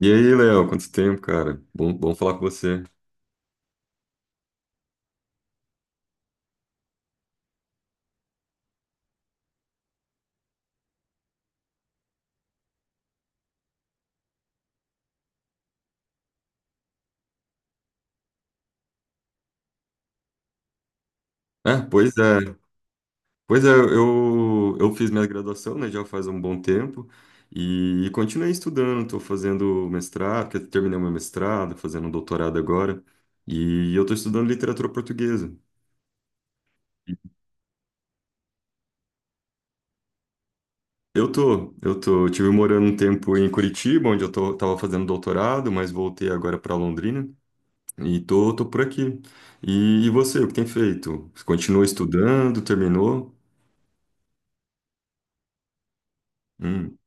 E aí, Léo, quanto tempo, cara? Bom falar com você. É, pois é. Pois é, eu fiz minha graduação, né, já faz um bom tempo, e, continuei estudando, estou fazendo mestrado, porque eu terminei meu mestrado, fazendo um doutorado agora, e eu estou estudando literatura portuguesa. Eu tive morando um tempo em Curitiba, onde eu tava fazendo doutorado, mas voltei agora para Londrina e tô por aqui. E você, o que tem feito? Você continua estudando, terminou? Hum.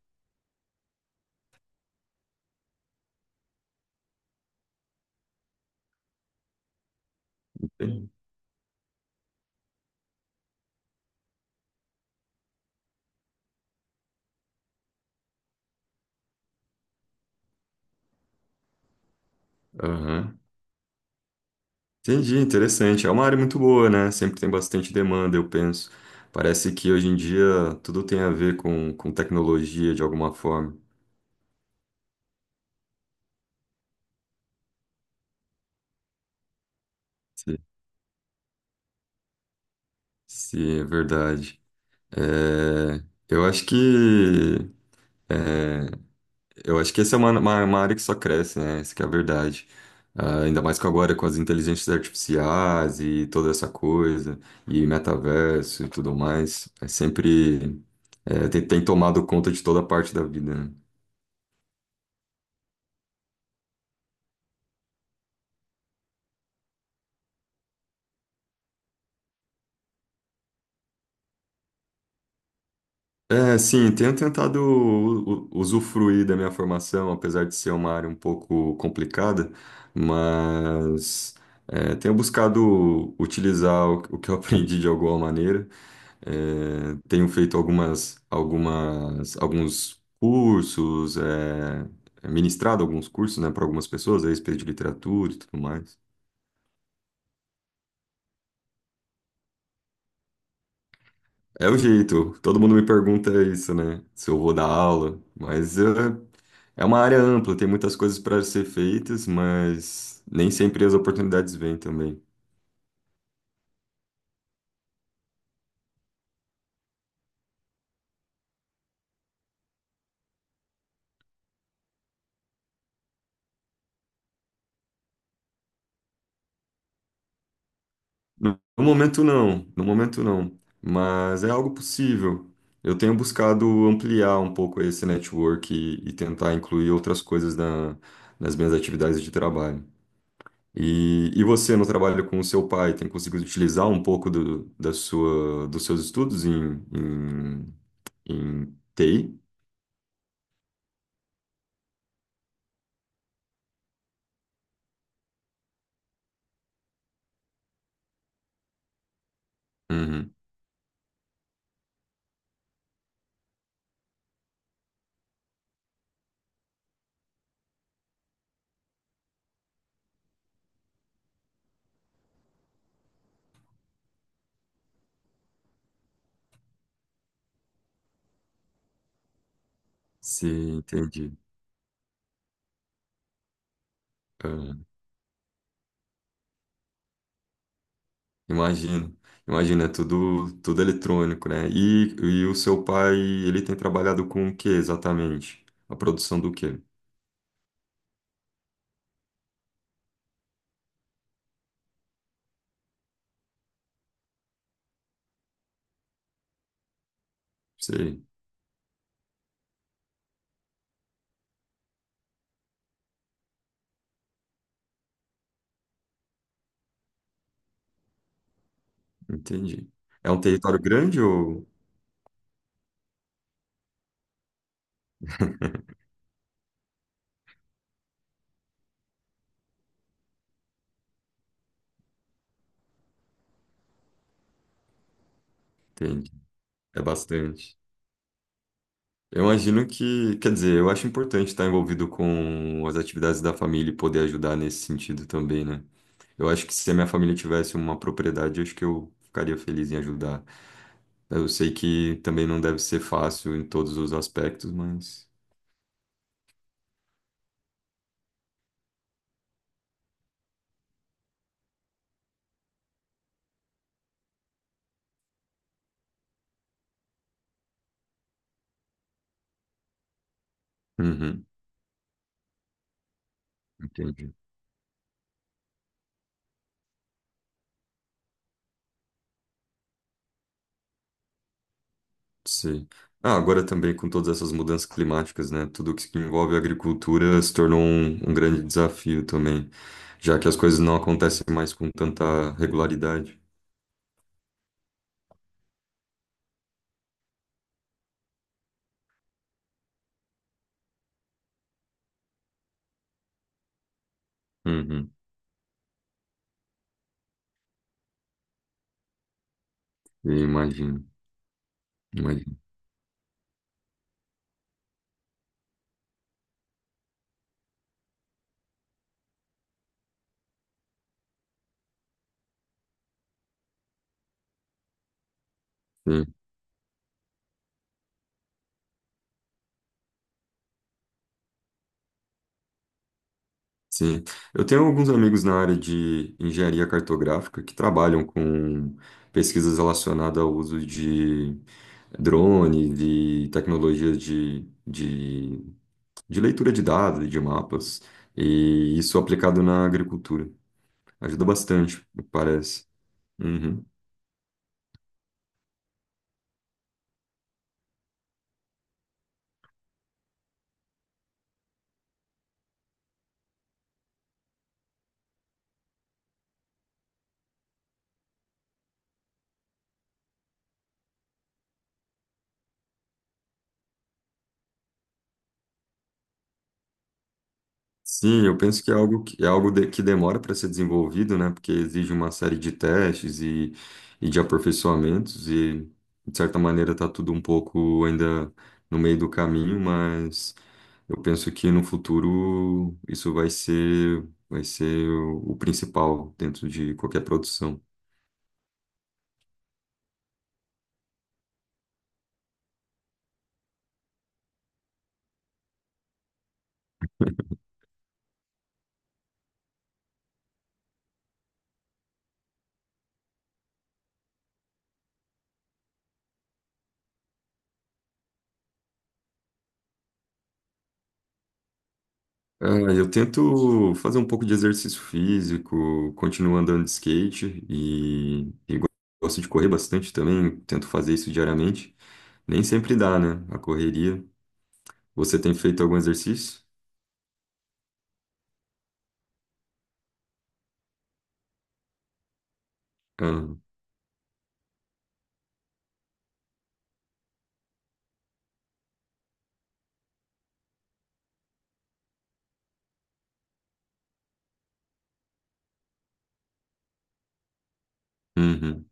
Aham. Entendi, interessante. É uma área muito boa, né? Sempre tem bastante demanda, eu penso. Parece que hoje em dia tudo tem a ver com tecnologia de alguma forma. Se, se é verdade. É, eu acho que é, eu acho que essa é uma área que só cresce, né? Isso que é a verdade. Ah, ainda mais que agora com as inteligências artificiais e toda essa coisa, e metaverso e tudo mais. É sempre é, tem, tem tomado conta de toda parte da vida, né? É, sim, tenho tentado usufruir da minha formação, apesar de ser uma área um pouco complicada, mas é, tenho buscado utilizar o que eu aprendi de alguma maneira. É, tenho feito alguns cursos, é, é, ministrado alguns cursos, né, para algumas pessoas a respeito de literatura e tudo mais. É o jeito. Todo mundo me pergunta isso, né? Se eu vou dar aula. Mas é, é uma área ampla, tem muitas coisas para ser feitas, mas nem sempre as oportunidades vêm também. No momento, não. No momento, não. Mas é algo possível. Eu tenho buscado ampliar um pouco esse network e tentar incluir outras coisas nas minhas atividades de trabalho. E você, no trabalho com o seu pai, tem conseguido utilizar um pouco do, da sua, dos seus estudos em, entei? Uhum. Sim, entendi. Ah, imagino. Imagina, é tudo, tudo eletrônico, né? E o seu pai, ele tem trabalhado com o que exatamente? A produção do quê? Sei, entendi. É um território grande ou... Entendi. É bastante. Eu imagino que, quer dizer, eu acho importante estar envolvido com as atividades da família e poder ajudar nesse sentido também, né? Eu acho que se a minha família tivesse uma propriedade, eu acho que eu ficaria feliz em ajudar. Eu sei que também não deve ser fácil em todos os aspectos, mas. Uhum, entendi. Sim. Ah, agora também com todas essas mudanças climáticas, né? Tudo que envolve agricultura se tornou um, um grande desafio também, já que as coisas não acontecem mais com tanta regularidade. Uhum, eu imagino, imagino. Sim, sim. Eu tenho alguns amigos na área de engenharia cartográfica que trabalham com pesquisas relacionadas ao uso de drone, de tecnologias de leitura de dados, de mapas, e isso aplicado na agricultura. Ajuda bastante, me parece. Uhum. Sim, eu penso que é algo que, é algo que demora para ser desenvolvido, né? Porque exige uma série de testes e de aperfeiçoamentos, e de certa maneira está tudo um pouco ainda no meio do caminho, mas eu penso que no futuro isso vai ser o principal dentro de qualquer produção. Ah, eu tento fazer um pouco de exercício físico, continuo andando de skate e gosto de correr bastante também, tento fazer isso diariamente. Nem sempre dá, né? A correria. Você tem feito algum exercício? Ah, uhum,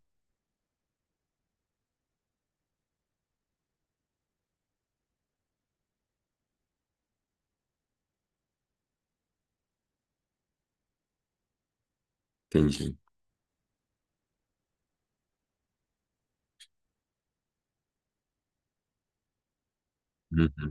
entendi. Uhum.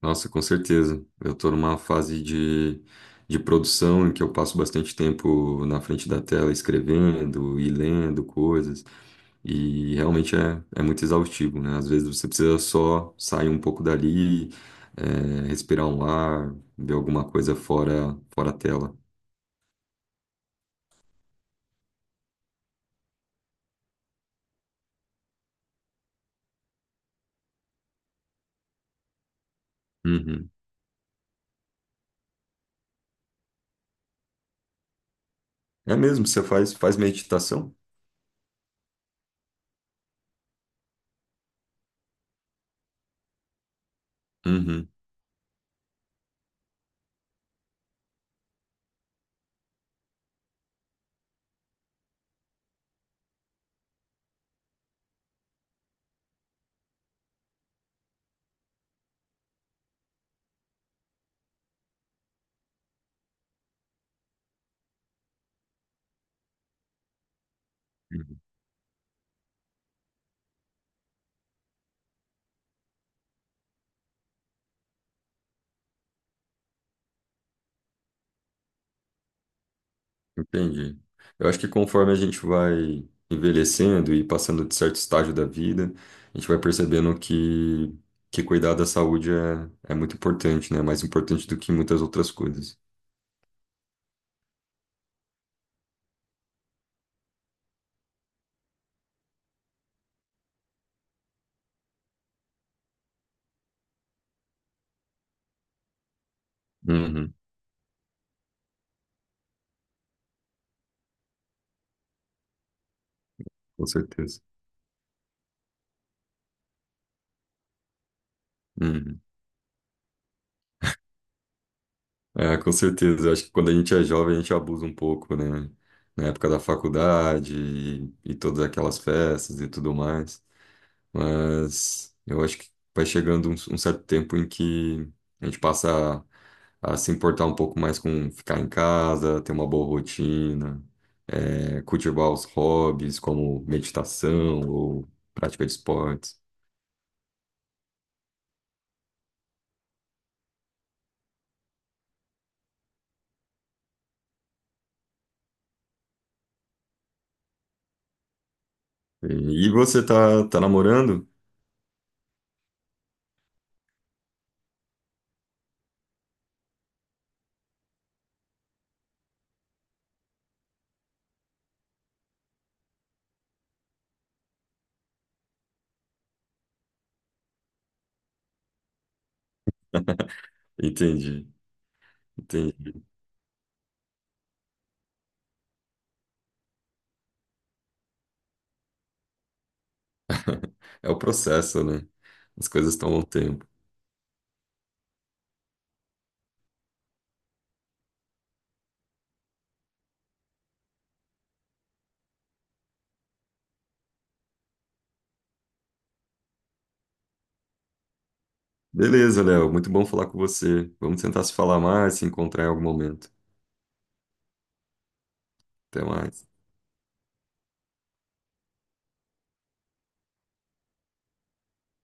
Nossa, com certeza. Eu estou numa fase de produção em que eu passo bastante tempo na frente da tela escrevendo e lendo coisas. E realmente é, é muito exaustivo, né? Às vezes você precisa só sair um pouco dali, é, respirar um ar, ver alguma coisa fora, fora a tela. Uhum. É mesmo, você faz, faz meditação? Uhum. Uhum. Entendi. Eu acho que conforme a gente vai envelhecendo e passando de certo estágio da vida, a gente vai percebendo que cuidar da saúde é, é muito importante, né? É mais importante do que muitas outras coisas. Uhum, com certeza. Uhum. É, com certeza. Eu acho que quando a gente é jovem, a gente abusa um pouco, né? Na época da faculdade e todas aquelas festas e tudo mais. Mas eu acho que vai chegando um certo tempo em que a gente passa a se importar um pouco mais com ficar em casa, ter uma boa rotina, é, cultivar os hobbies como meditação ou prática de esportes. E você tá, tá namorando? Entendi, entendi. É o processo, né? As coisas tomam tempo. Beleza, Léo, muito bom falar com você. Vamos tentar se falar mais, se encontrar em algum momento. Até mais.